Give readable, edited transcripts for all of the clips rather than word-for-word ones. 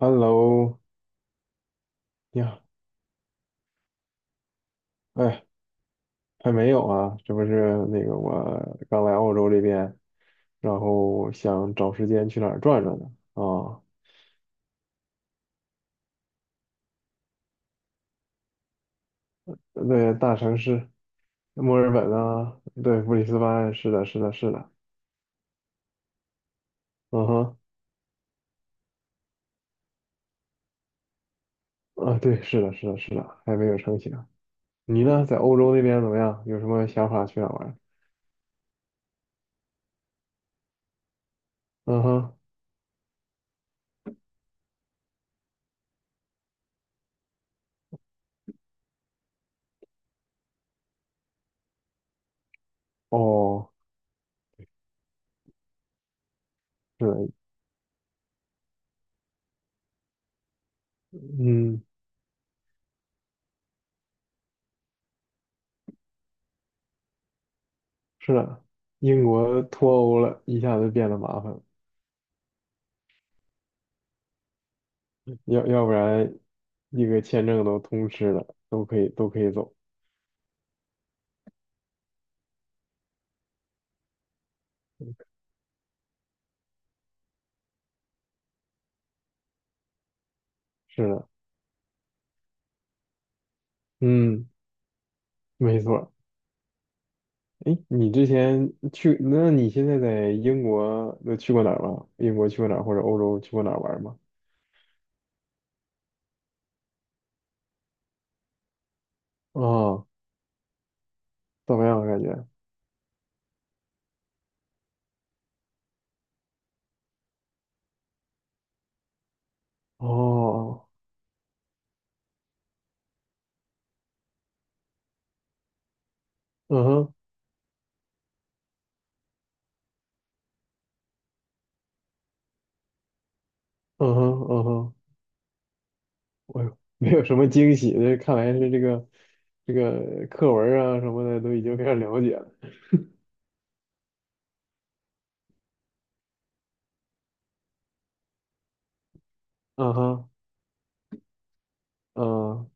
Hello，你好，哎，还没有啊，这不是那个我刚来澳洲这边，然后想找时间去哪儿转转呢？啊，对，大城市，墨尔本啊，对，布里斯班，是的，是的，是的，嗯哼，啊，对，是的，是的，是的，还没有成型。你呢，在欧洲那边怎么样？有什么想法去哪儿玩？嗯哼，哦，是的，嗯，是的，英国脱欧了，一下子变得麻烦了，要不然一个签证都通吃了，都可以走。是的，嗯，没错。哎，你之前去，那你现在在英国都去过哪儿吗？英国去过哪儿，或者欧洲去过哪儿玩儿吗？啊，怎么样啊感觉？哦，嗯哼，嗯哼，嗯哼，哎呦，没有什么惊喜，这看来是这个课文儿啊什么的都已经非常了解了。嗯哼，嗯，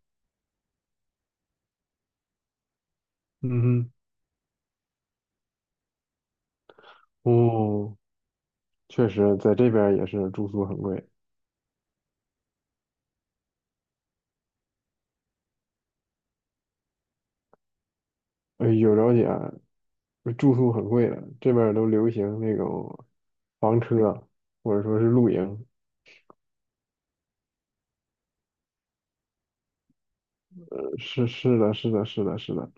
嗯哼，哦，确实在这边儿也是住宿很贵。哎，有了解啊，住宿很贵的，这边儿都流行那种房车，或者说是露营。是的，是的，是的，是的。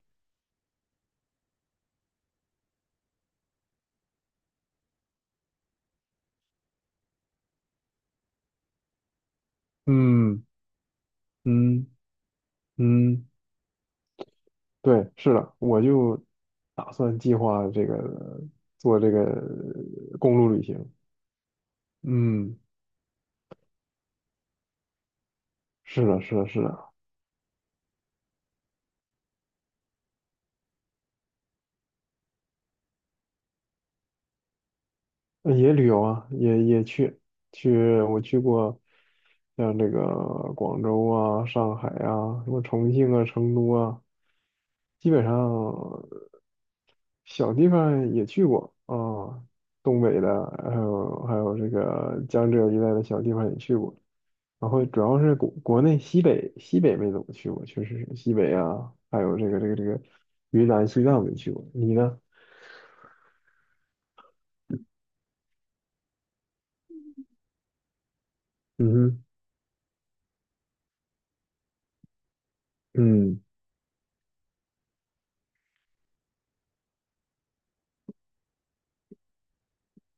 嗯嗯嗯，对，是的，我就打算计划这个做这个公路旅行。嗯，是的，是的，是的，也旅游啊，也去，我去过像这个广州啊、上海啊、什么重庆啊、成都啊。基本上小地方也去过啊，东北的，还有这个江浙一带的小地方也去过。然后主要是国内西北没怎么去过，确实是西北啊，还有这个云南、西藏没去过。你呢？嗯哼，嗯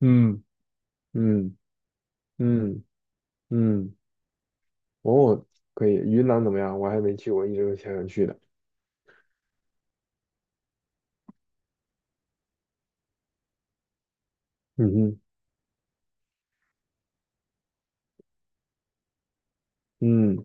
嗯嗯嗯嗯，哦，可以。云南怎么样？我还没去过，一直都想去的。嗯哼，嗯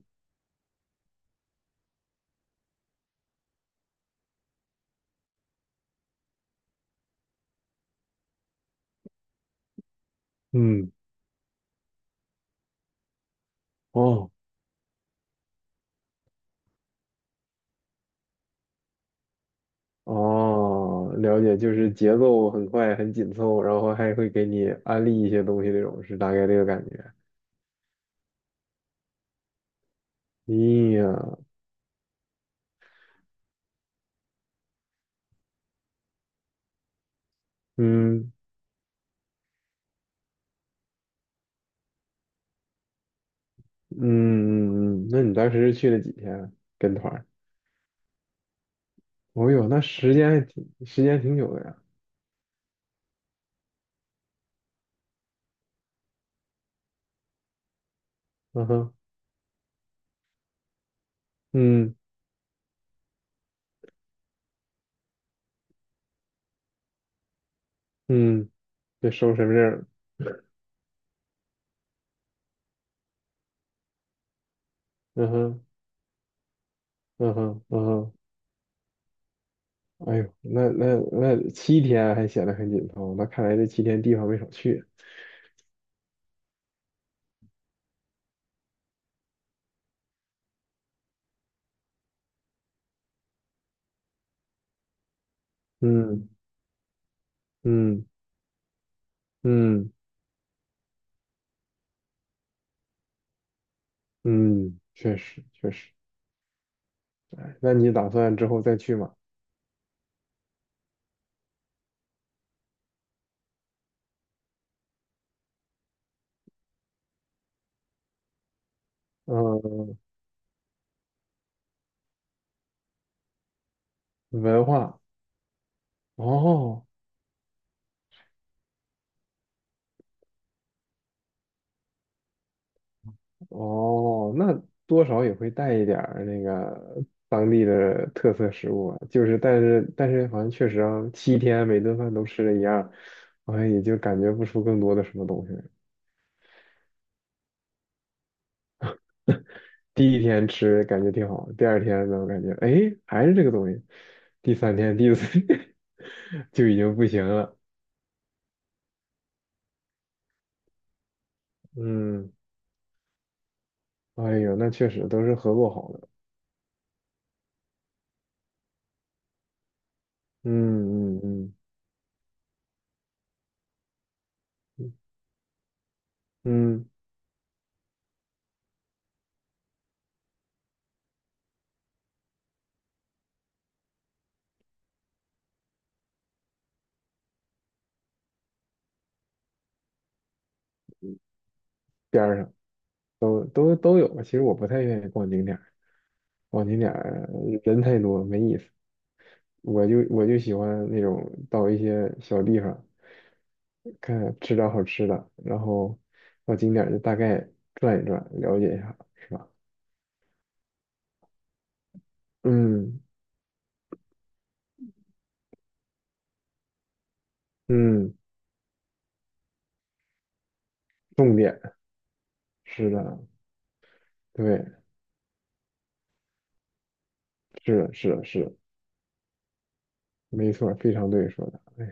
嗯，哦。哦，了解，就是节奏很快，很紧凑，然后还会给你安利一些东西，那种是大概这个感觉。咦呀，嗯嗯嗯嗯，那你当时是去了几天跟团儿哦哟，那时间挺久的呀。嗯哼，嗯嗯，这收身份证儿嗯哼嗯哼嗯哼，哎呦，那七天还显得很紧凑，那看来这七天地方没少去。嗯嗯嗯嗯，确实确实。哎那你打算之后再去吗？嗯，文化，哦哦，那多少也会带一点儿那个当地的特色食物啊。就是，但是好像确实啊，七天每顿饭都吃的一样，好像也就感觉不出更多的什么东西来。第一天吃感觉挺好，第二天呢，我感觉哎还是这个东西，第三天、第四天 就已经不行了。嗯，哎呦，那确实都是合作好的。嗯嗯嗯。嗯，边儿上都有。其实我不太愿意逛景点儿，逛景点儿人太多没意思。我就喜欢那种到一些小地方，看吃点好吃的，然后到景点儿就大概转一转，了解一下，是吧？嗯嗯，重点是的，对，是的没错，非常对说的。哎呀，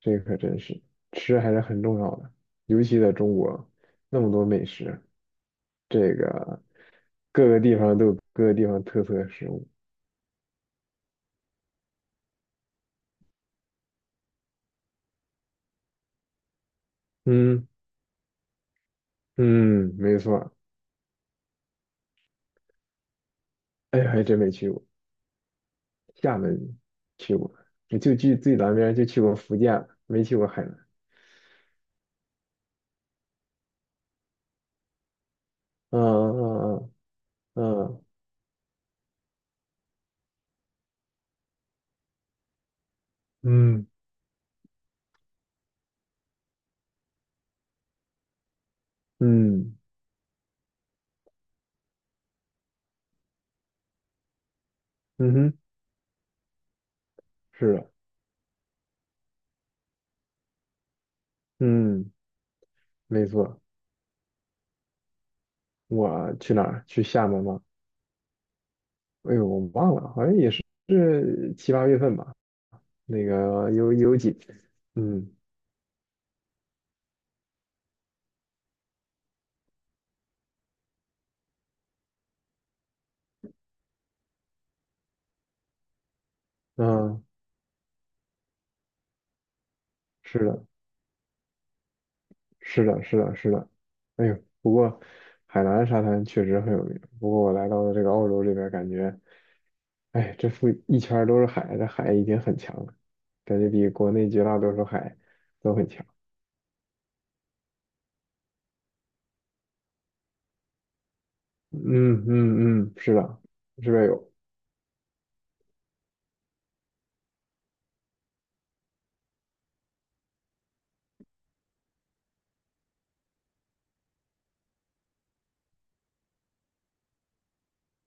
这可真是吃还是很重要的，尤其在中国那么多美食。这个各个地方都有各个地方特色的食物。嗯嗯，没错。哎，还真没去过厦门，去过，我就去最南边就去过福建了没去过海南。嗯嗯嗯嗯嗯嗯嗯哼，是的，嗯，没错。我去哪儿？去厦门吗？哎呦，我忘了，好像也是七八月份吧。那个有有几，嗯嗯，是的，是的，是的，是的。哎呦，不过海南沙滩确实很有名。不过我来到了这个澳洲这边，感觉，哎，这附一圈儿都是海，这海已经很强了，感觉比国内绝大多数海都很强。嗯嗯嗯，是的，这边有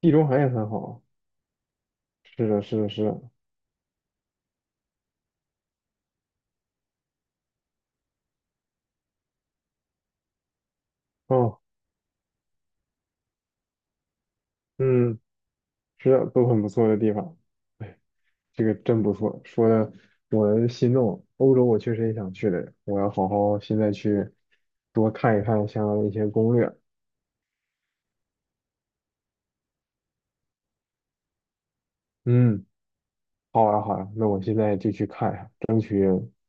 地中海也很好。是的，是的，是的。哦，嗯，是的，都很不错的地方。哎。这个真不错，说的我心动。欧洲我确实也想去的，我要好好现在去多看一看像一些攻略。嗯，好呀好呀，那我现在就去看一下，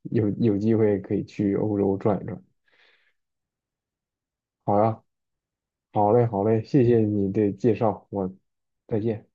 有机会可以去欧洲转一转。好呀，好嘞好嘞，谢谢你的介绍，我再见。